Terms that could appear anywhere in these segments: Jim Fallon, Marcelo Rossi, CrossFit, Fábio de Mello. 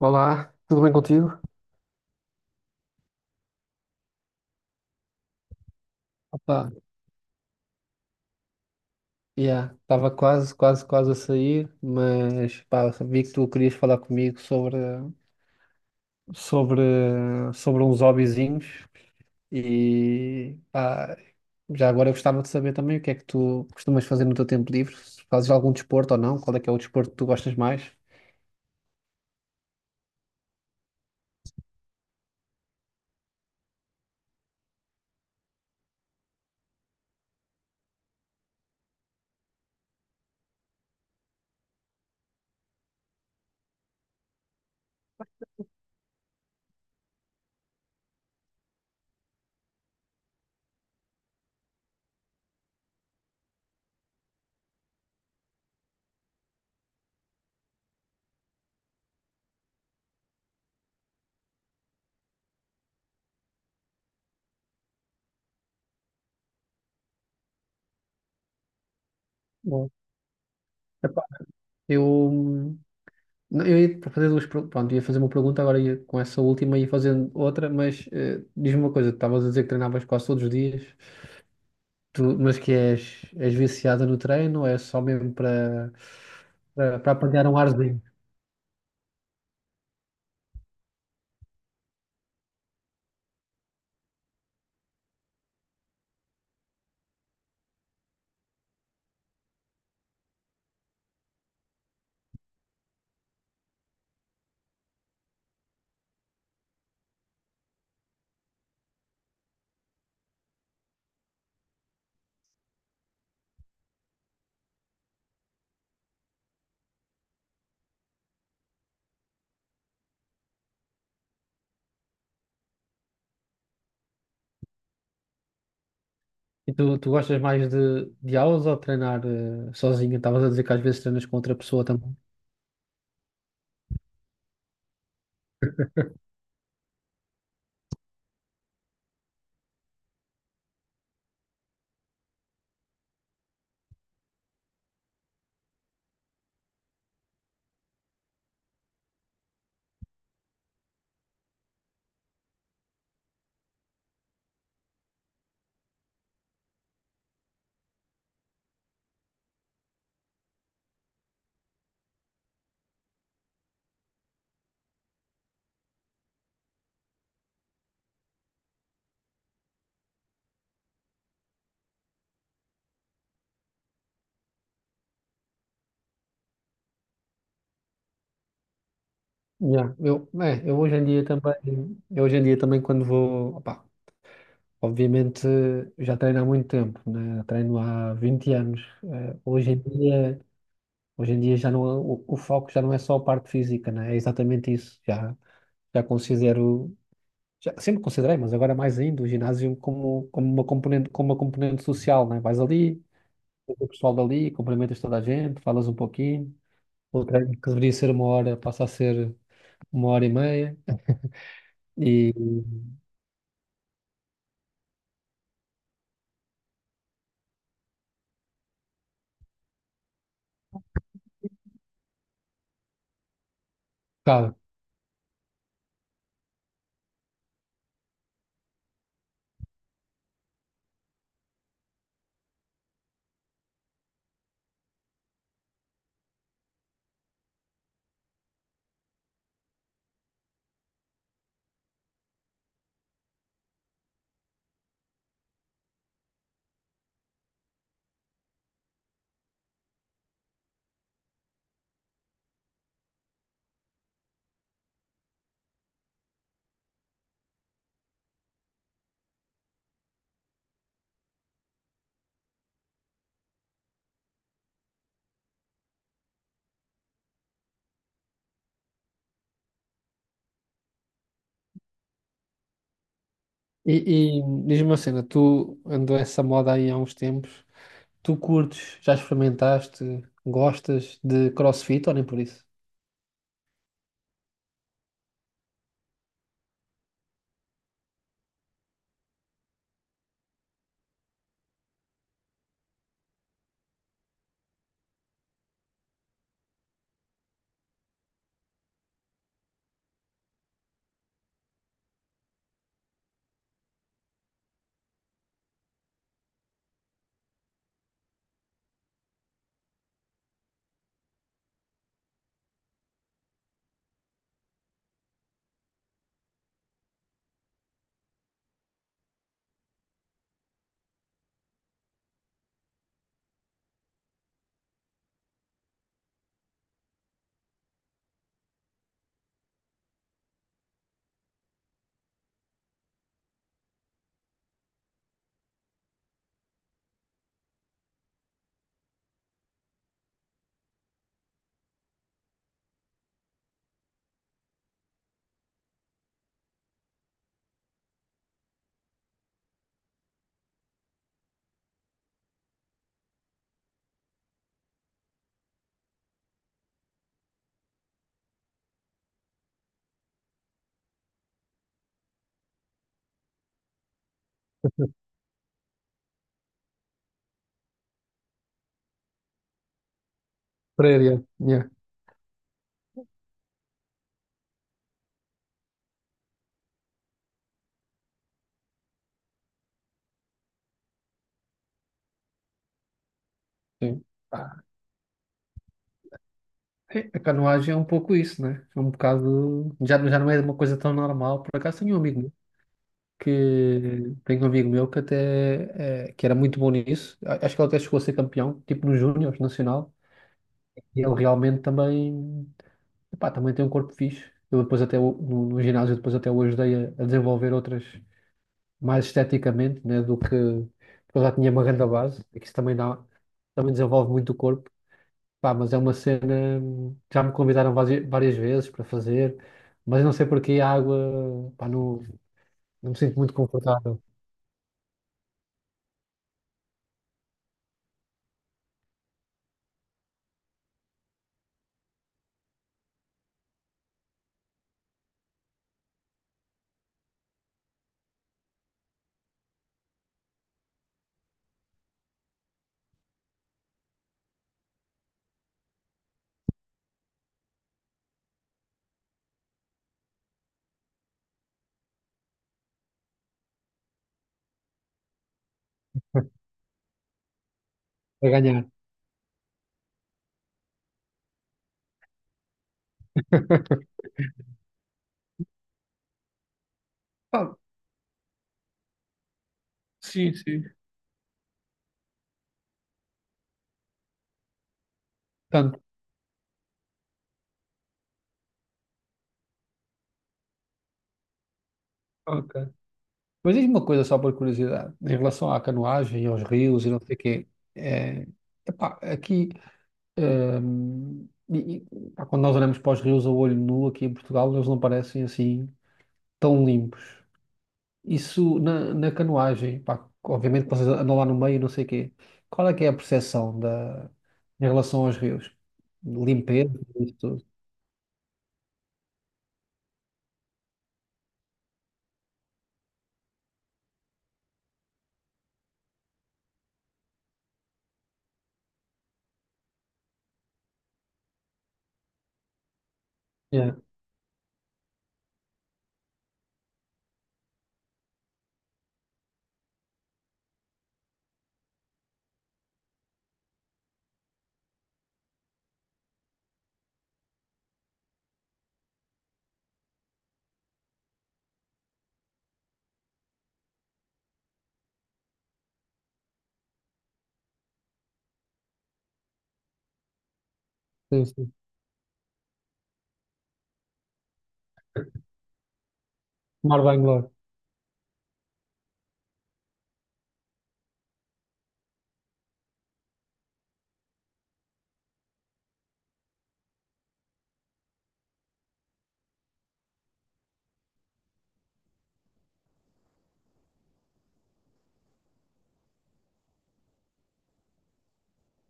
Olá, tudo bem contigo? Opa, yeah, estava quase a sair, mas pá, vi que tu querias falar comigo sobre, sobre uns hobbyzinhos e pá, já agora eu gostava de saber também o que é que tu costumas fazer no teu tempo livre, se fazes algum desporto ou não, qual é que é o desporto que tu gostas mais? Bom, epá, eu, não, eu ia fazer pronto, ia fazer uma pergunta agora ia, com essa última e ia fazendo outra, mas diz-me uma coisa, estavas a dizer que treinavas quase todos os dias. Tu, és viciada no treino, ou é só mesmo para apanhar um arzinho. E tu, tu gostas mais de aulas ou treinar sozinha? Estavas a dizer que às vezes treinas com outra pessoa também. Eu hoje em dia também, eu hoje em dia também quando vou, opá, obviamente já treino há muito tempo, né? Treino há 20 anos. Eh, hoje em dia já não, o foco já não é só a parte física, né? É exatamente isso. Já considero já, sempre considerei, mas agora mais ainda, o ginásio como uma componente social, né? Vais ali, vês o pessoal dali, cumprimentas toda a gente, falas um pouquinho. O treino que deveria ser uma hora passa a ser uma hora e meia. E, claro. E, e diz-me uma cena, tu andou essa moda aí há uns tempos, tu curtes, já experimentaste, gostas de CrossFit ou nem por isso? Creio, yeah. Sim. É, a canoagem é um pouco isso, né? É um bocado. Já não é uma coisa tão normal. Por acaso tenho um amigo meu que até é, que era muito bom nisso. A- Acho que ele até chegou a ser campeão, tipo no Júnior Nacional. E ele realmente também, epá, também tem um corpo fixe. Eu depois até no, no ginásio depois até o ajudei a desenvolver outras mais esteticamente, né? Do que porque eu já tinha uma grande base, e que isso também dá, também desenvolve muito o corpo. Pá, mas é uma cena. Já me convidaram várias vezes para fazer, mas eu não sei porque a água, pá, não, não me sinto muito confortável a ganhar. Ah, sim, sim. Tanto. Ok. Mas diz-me uma coisa só por curiosidade, em relação à canoagem, aos rios e não sei o quê. É, epá, aqui, e, pá, quando nós olhamos para os rios a olho nu aqui em Portugal, eles não parecem assim tão limpos. Isso na canoagem, pá, obviamente vocês andam lá no meio, não sei o quê. Qual é que é a em relação aos rios? Limpeza, isso tudo. Yeah, sim, sim. Tomar banho logo.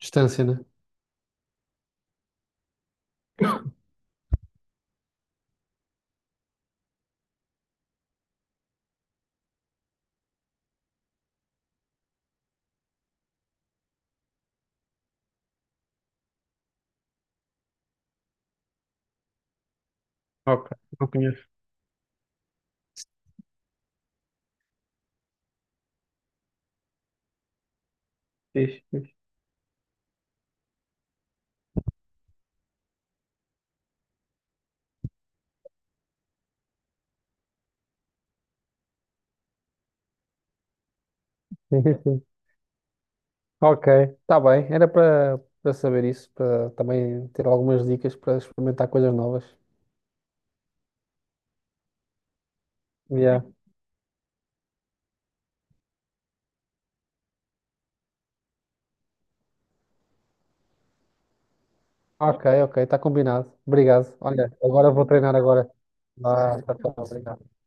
Distância, né? Ok, não conheço. Fixe, fixe. Sim, sim, sim. Ok, está bem. Era para saber isso, para também ter algumas dicas para experimentar coisas novas. Yeah. Ok, ok, está combinado. Obrigado. Olha, agora vou treinar agora. Ah, tá, tá, obrigado.